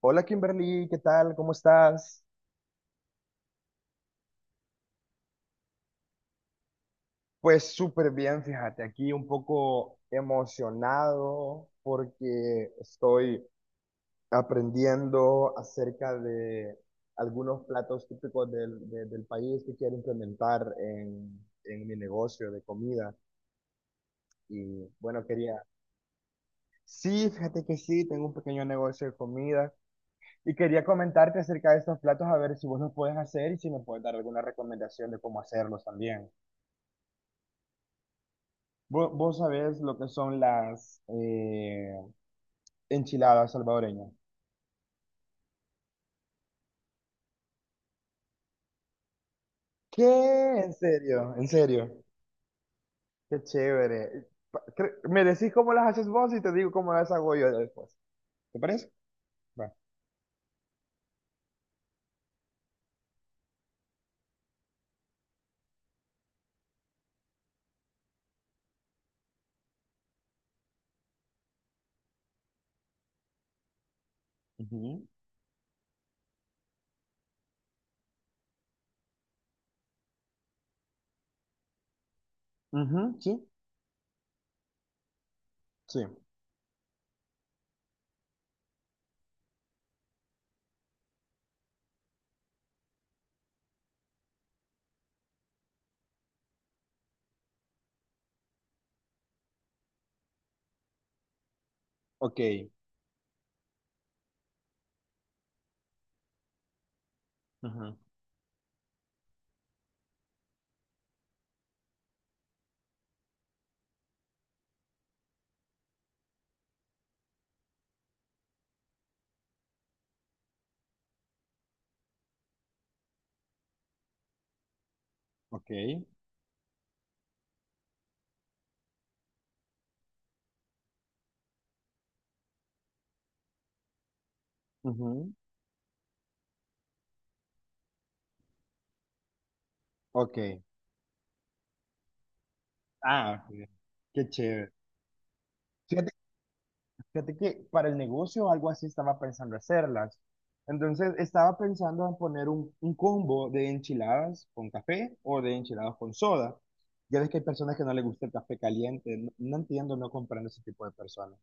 Hola Kimberly, ¿qué tal? ¿Cómo estás? Pues súper bien, fíjate, aquí un poco emocionado porque estoy aprendiendo acerca de algunos platos típicos del país que quiero implementar en mi negocio de comida. Y bueno, quería... Sí, fíjate que sí, tengo un pequeño negocio de comida y quería comentarte acerca de estos platos a ver si vos los puedes hacer y si me puedes dar alguna recomendación de cómo hacerlos también. Vos, sabés lo que son las enchiladas salvadoreñas. ¿Qué? ¿En serio? ¿En serio? Qué chévere. Me decís cómo las haces vos y te digo cómo las hago yo después. ¿Te parece? Va. Ujú. Ujú, sí, sí. Ok. Ujú. Ok, ujú, ok. Ah, ok, qué chévere. Fíjate, fíjate que para el negocio algo así estaba pensando hacerlas. Entonces estaba pensando en poner un combo de enchiladas con café o de enchiladas con soda. Ya ves que hay personas que no les gusta el café caliente. No, no entiendo, no comprendo ese tipo de personas.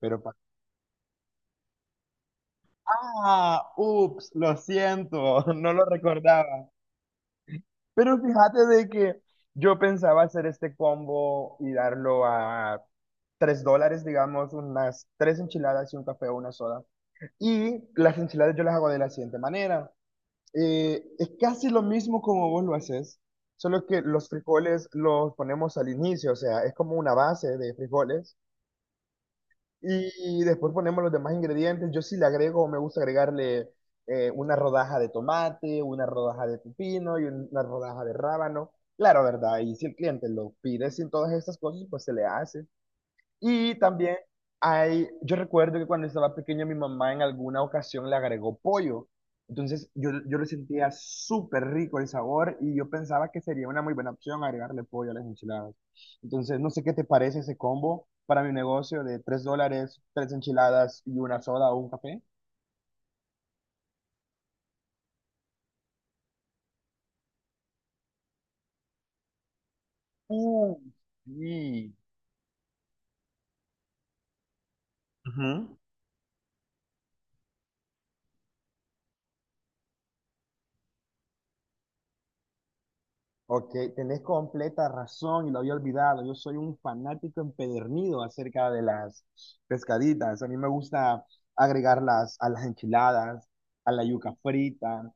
Pero para... Ah, ups, lo siento, no lo recordaba. Pero fíjate de que yo pensaba hacer este combo y darlo a $3, digamos, unas tres enchiladas y un café o una soda. Y las enchiladas yo las hago de la siguiente manera. Es casi lo mismo como vos lo haces, solo que los frijoles los ponemos al inicio, o sea, es como una base de frijoles y después ponemos los demás ingredientes. Yo sí le agrego, me gusta agregarle una rodaja de tomate, una rodaja de pepino y una rodaja de rábano. Claro, ¿verdad? Y si el cliente lo pide sin todas estas cosas, pues se le hace. Y también hay, yo recuerdo que cuando estaba pequeño mi mamá en alguna ocasión le agregó pollo. Entonces yo lo sentía súper rico el sabor y yo pensaba que sería una muy buena opción agregarle pollo a las enchiladas. Entonces no sé qué te parece ese combo para mi negocio de $3, tres enchiladas y una soda o un café. Uh, sí. Ujú. Ok, tenés completa razón y lo había olvidado. Yo soy un fanático empedernido acerca de las pescaditas. A mí me gusta agregarlas a las enchiladas, a la yuca frita.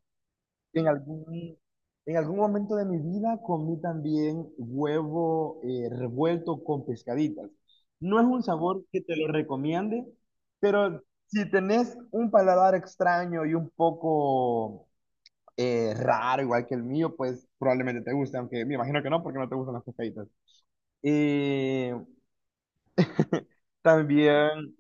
En algún, en algún momento de mi vida comí también huevo revuelto con pescaditas. No es un sabor que te lo recomiende, pero si tenés un paladar extraño y un poco raro, igual que el mío, pues probablemente te guste, aunque me imagino que no, porque no te gustan las cocaitas. Y también,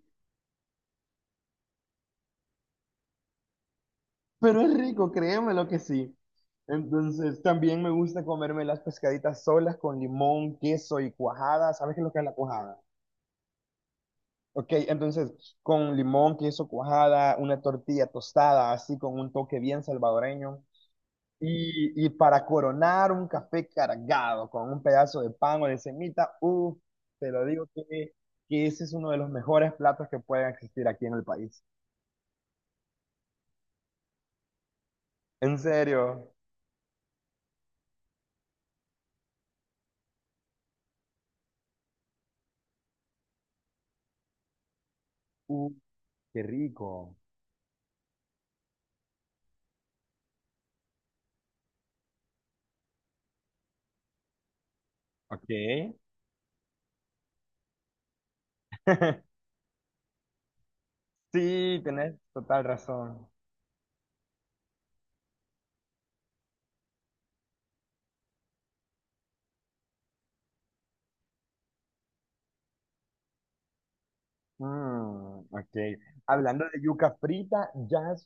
pero es rico, créeme lo que sí. Entonces, también me gusta comerme las pescaditas solas con limón, queso y cuajada. ¿Sabes qué es lo que es la cuajada? Ok, entonces, con limón, queso, cuajada, una tortilla tostada, así con un toque bien salvadoreño. Y para coronar un café cargado con un pedazo de pan o de semita, uff, te lo digo que ese es uno de los mejores platos que pueden existir aquí en el país. En serio, uff, qué rico. Ok. Sí, tenés total razón. Mm, ok. Hablando de yuca frita, ¿ya has,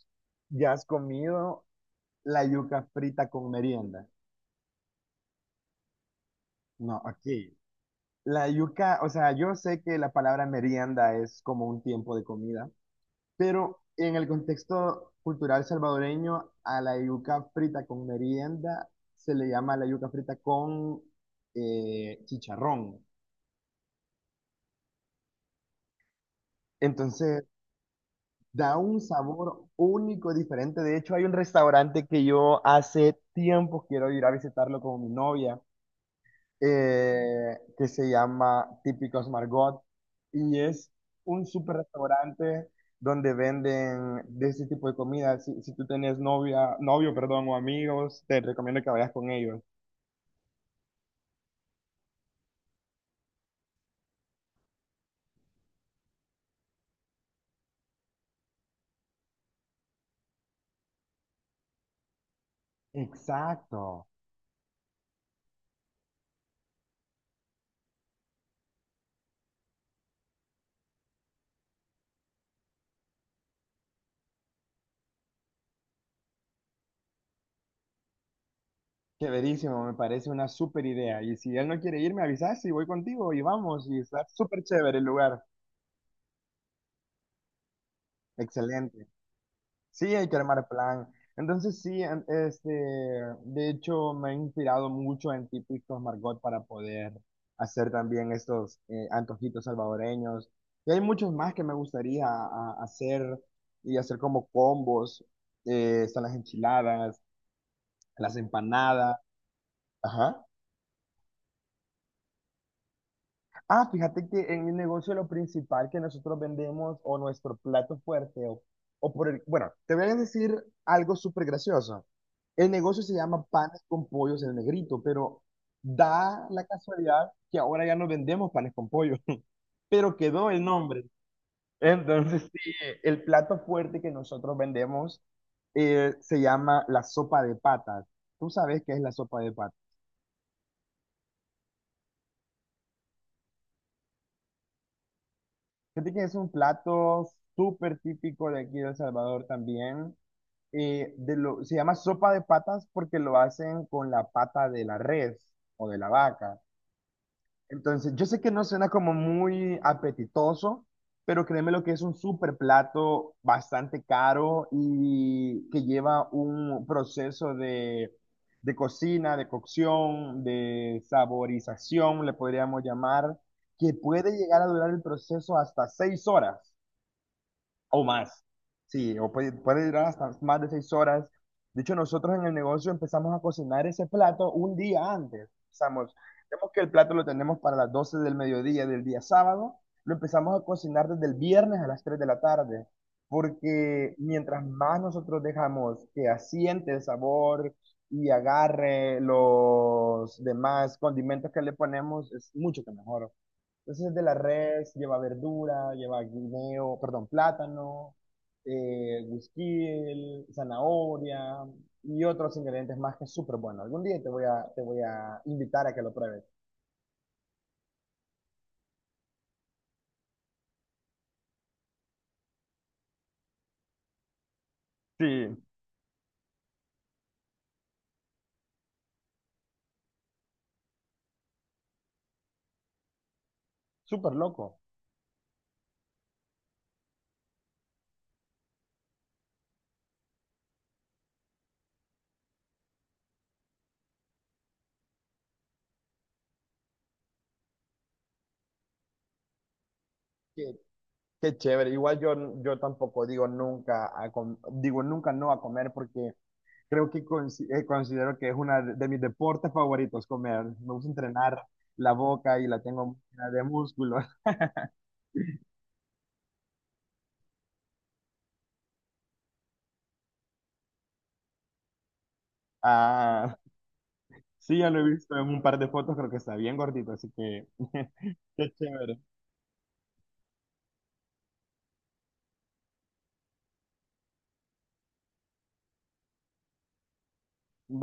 ya has comido la yuca frita con merienda? No, ok. La yuca, o sea, yo sé que la palabra merienda es como un tiempo de comida, pero en el contexto cultural salvadoreño, a la yuca frita con merienda se le llama la yuca frita con chicharrón. Entonces, da un sabor único, diferente. De hecho, hay un restaurante que yo hace tiempo quiero ir a visitarlo con mi novia que se llama Típicos Margot y es un super restaurante donde venden de ese tipo de comida. Si, si tú tenés novia, novio, perdón, o amigos, te recomiendo que vayas con ellos. Exacto. Chéverísimo, me parece una super idea. Y si él no quiere ir, me avisas y voy contigo y vamos. Y está súper chévere el lugar. Excelente. Sí, hay que armar plan. Entonces sí, este, de hecho me he inspirado mucho en típicos Margot para poder hacer también estos antojitos salvadoreños. Y hay muchos más que me gustaría hacer y hacer como combos. Están las enchiladas, las empanadas. Ajá. Ah, fíjate que en el negocio lo principal que nosotros vendemos o nuestro plato fuerte o por el, bueno, te voy a decir algo súper gracioso. El negocio se llama panes con pollos el Negrito, pero da la casualidad que ahora ya no vendemos panes con pollo, pero quedó el nombre. Entonces, sí, el plato fuerte que nosotros vendemos se llama la sopa de patas. ¿Tú sabes qué es la sopa de patas? Fíjate que es un plato súper típico de aquí de El Salvador también. Se llama sopa de patas porque lo hacen con la pata de la res o de la vaca. Entonces, yo sé que no suena como muy apetitoso, pero créeme lo que es un súper plato bastante caro y que lleva un proceso de cocina, de cocción, de saborización, le podríamos llamar, que puede llegar a durar el proceso hasta 6 horas o más. Sí, o puede, puede durar hasta más de 6 horas. De hecho, nosotros en el negocio empezamos a cocinar ese plato un día antes. Empezamos, vemos que el plato lo tenemos para las 12 del mediodía del día sábado, lo empezamos a cocinar desde el viernes a las 3 de la tarde, porque mientras más nosotros dejamos que asiente el sabor y agarre los demás condimentos que le ponemos, es mucho que mejor. Entonces es de la res, lleva verdura, lleva guineo, perdón, plátano, güisquil, zanahoria y otros ingredientes más que es súper bueno. Algún día te voy a invitar a que lo pruebes. Sí, súper loco. Qué, qué chévere. Igual yo, yo tampoco digo nunca, digo nunca no a comer porque creo que considero que es una de mis deportes favoritos comer. Me gusta entrenar la boca y la tengo llena de músculo. Ah, sí, ya lo he visto en un par de fotos, creo que está bien gordito, así que qué chévere.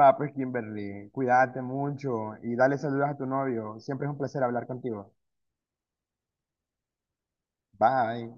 Va, pues Kimberly, cuídate mucho y dale saludos a tu novio. Siempre es un placer hablar contigo. Bye.